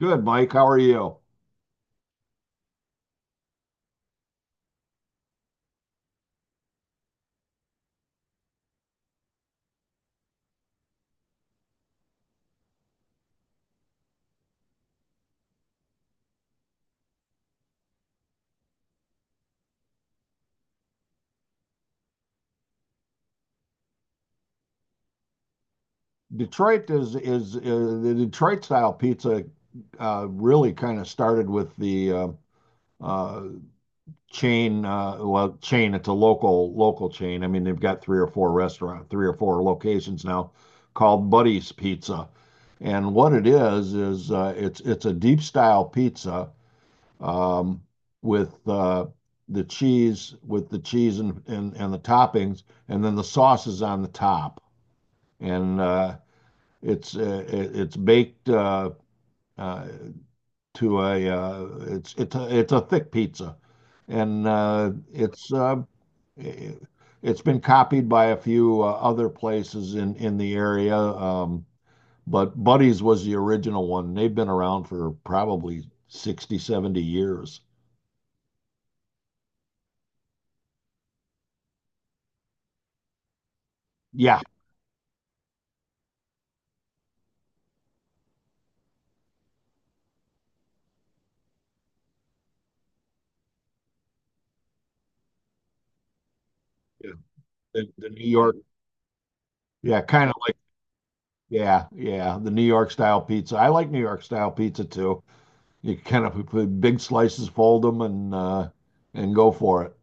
Good, Mike. How are you? Detroit is the Detroit style pizza, really kind of started with the uh, chain. Well, chain. It's a local chain. I mean, they've got three or four locations now, called Buddy's Pizza. And what it is, it's a deep style pizza, um, with uh, with the cheese and the toppings, and then the sauce is on the top. And It's uh, it's baked, uh, to a it's a thick pizza, and it's been copied by a few other places in the area. But Buddy's was the original one. They've been around for probably 60 to 70 years. Yeah, yeah. The New York, yeah, kind of like, yeah, yeah, the New York style pizza. I like New York style pizza too. You kind of big slices, fold them, and go for it.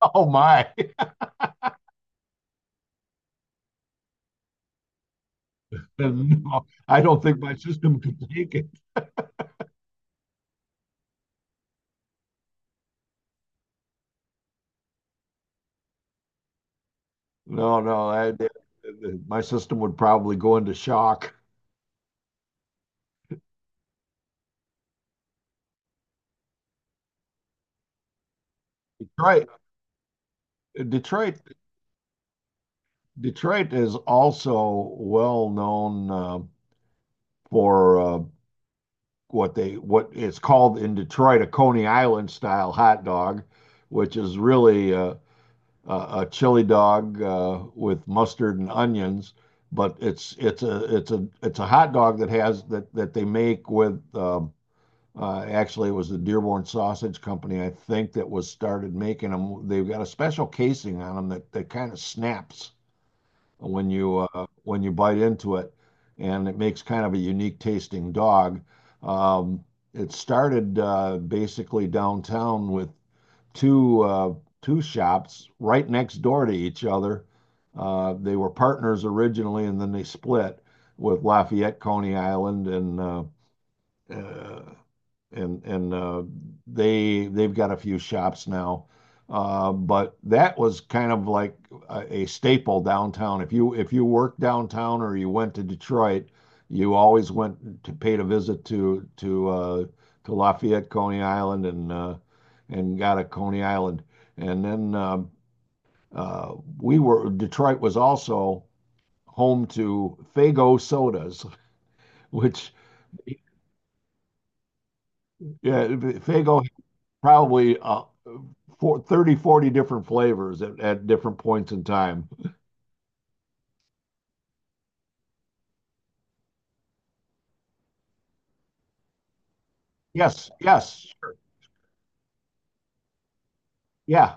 Oh my! No, I don't think my system could take it. No, no, my system would probably go into shock. Detroit, Detroit, Detroit is also well known, for, what it's called in Detroit, a Coney Island style hot dog, which is really a chili dog, with mustard and onions, but it's a hot dog that they make with, actually, it was the Dearborn Sausage Company, I think, that was started making them. They've got a special casing on them that kind of snaps when you, bite into it, and it makes kind of a unique tasting dog. Um, it started, basically, downtown with two uh, two shops right next door to each other. They were partners originally, and then they split with Lafayette, Coney Island, and uh, and and uh, they've got a few shops now. But that was kind of like a staple downtown. If you, worked downtown or you went to Detroit, you always went to paid a visit to Lafayette, Coney Island, and got a Coney Island. And then we were Detroit was also home to Faygo sodas, which, yeah, Faygo, probably, for 30 to 40 different flavors at different points in time. Yes, yes, yeah,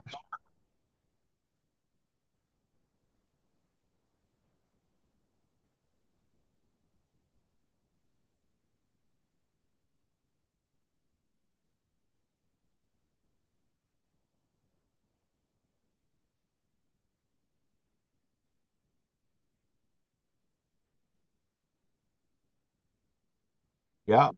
yeah.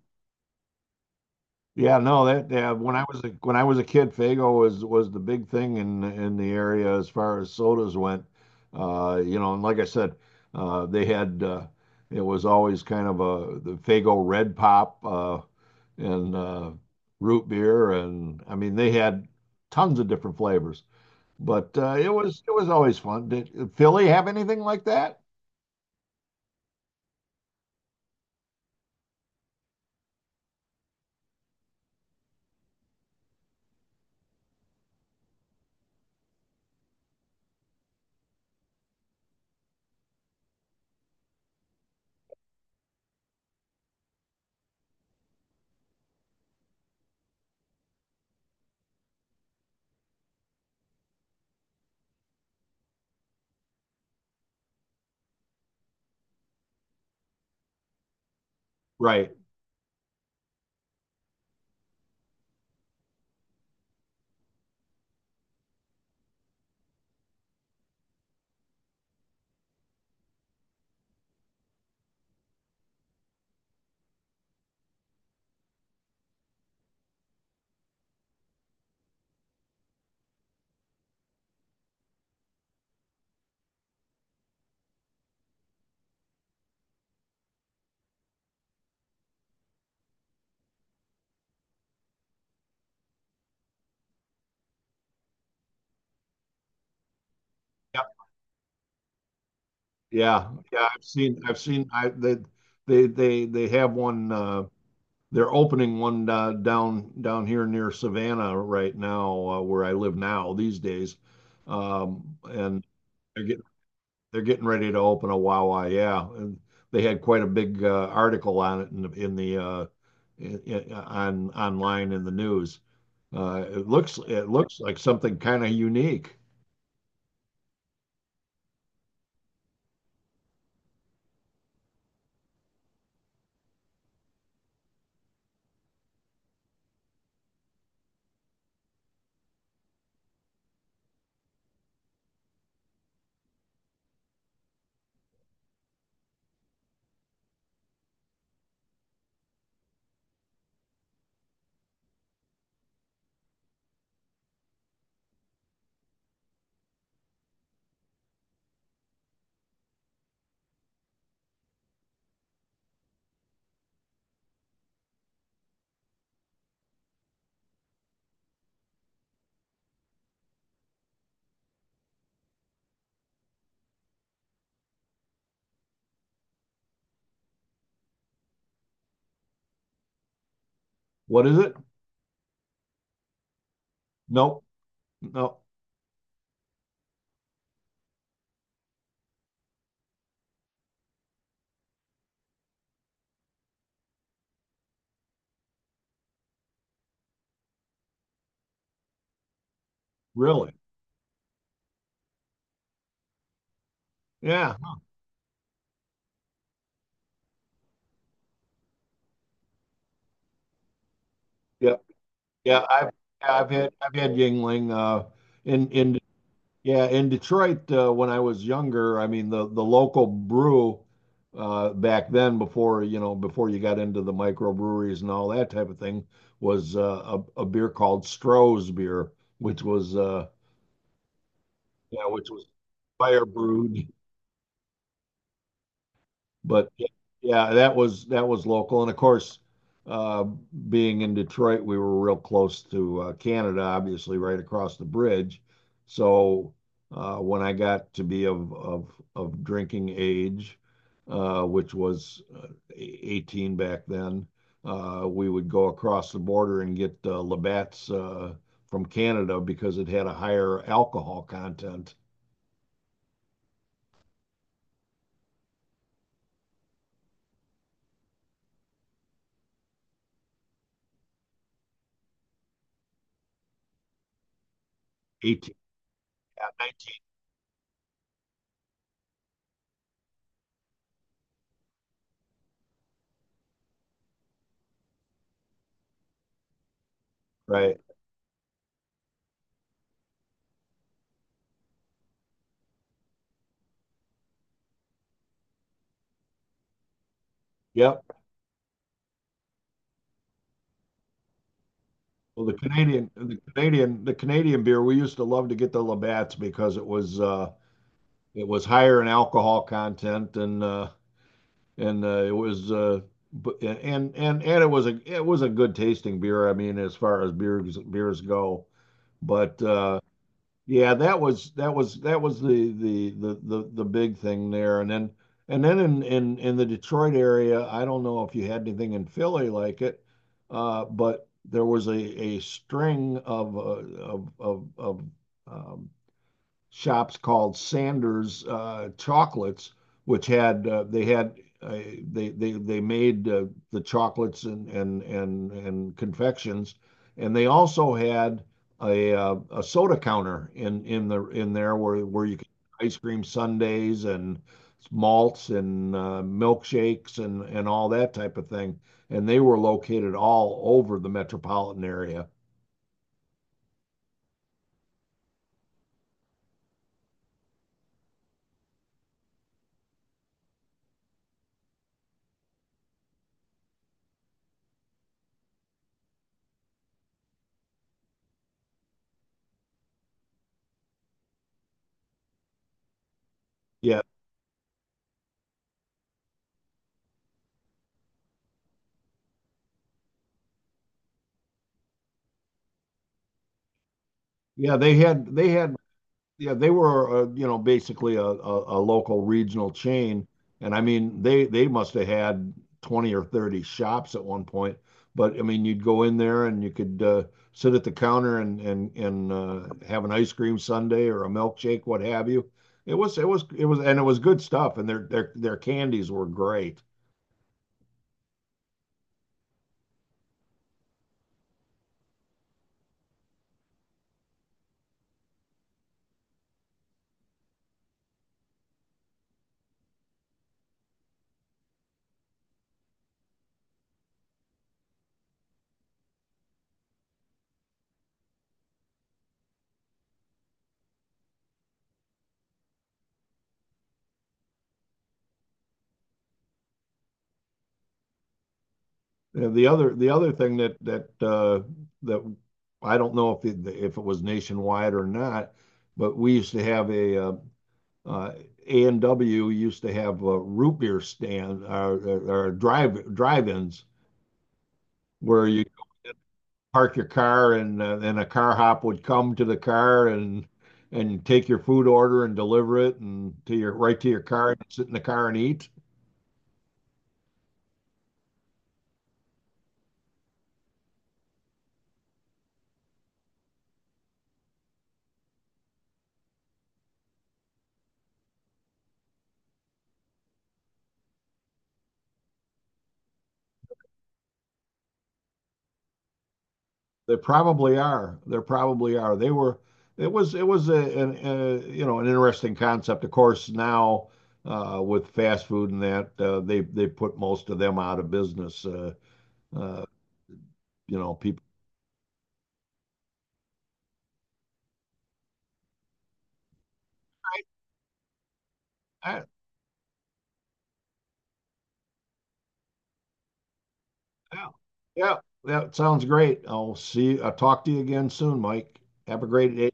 Yeah, no, that when when I was a kid, Fago was the big thing in the area as far as sodas went. You know, and like I said, they had it was always kind of a the Fago Red Pop, and root beer, and I mean they had tons of different flavors. But it was always fun. Did Philly have anything like that? Right. Yep. Yeah. Yeah. I've seen. I've seen. I they have one. They're opening one, down here near Savannah right now, where I live now these days, and they're getting they're getting ready to open a Wawa. Yeah, and they had quite a big, article on it in the, in the in- on online in the news. It looks like something kind of unique. What is it? Nope. No, really? Yeah, yeah, yeah. I've had Yingling, in in yeah, in Detroit, when I was younger. I mean the local brew back then, before, before you got into the microbreweries and all that type of thing, was, a beer called Stroh's beer, which was yeah, which was fire brewed. But yeah, that was local, and of course, uh, being in Detroit, we were real close to, Canada, obviously, right across the bridge. So, when I got to be of drinking age, which was, 18 back then. We would go across the border and get, Labatt's, from Canada, because it had a higher alcohol content. 18, 19, right? Yep. Well, the Canadian beer, we used to love to get the Labatt's, because it was higher in alcohol content, and it was bu- and it was a good tasting beer. I mean, as far as beers go, but yeah, that was the big thing there. And then in the Detroit area, I don't know if you had anything in Philly like it, but there was a string of of of of um, shops called Sanders, Chocolates, which had they had uh, they made the chocolates and confections, and they also had a soda counter in there where you could, ice cream sundaes and malts and, milkshakes, and all that type of thing. And they were located all over the metropolitan area. Yeah, yeah, they had yeah, they were, you know, basically a local regional chain. And I mean, they must have had 20 or 30 shops at one point. But I mean, you'd go in there and you could, sit at the counter and have an ice cream sundae or a milkshake, what have you. It was it was it was and it was good stuff. And their candies were great. And the other thing that, that, I don't know if if it was nationwide or not, but we used to have, a uh, A&W used to have a root beer stand, or, drive-ins, where you park your car, and, a car hop would come to the car and take your food order and deliver it, and to your car, and sit in the car and eat. They probably are. There probably are. They were. It was. It was a, an a you know an interesting concept. Of course, now, with fast food and that, they put most of them out of business. Uh, People. All right. Yeah. Yeah. That sounds great. I'll see you. I'll talk to you again soon, Mike. Have a great day.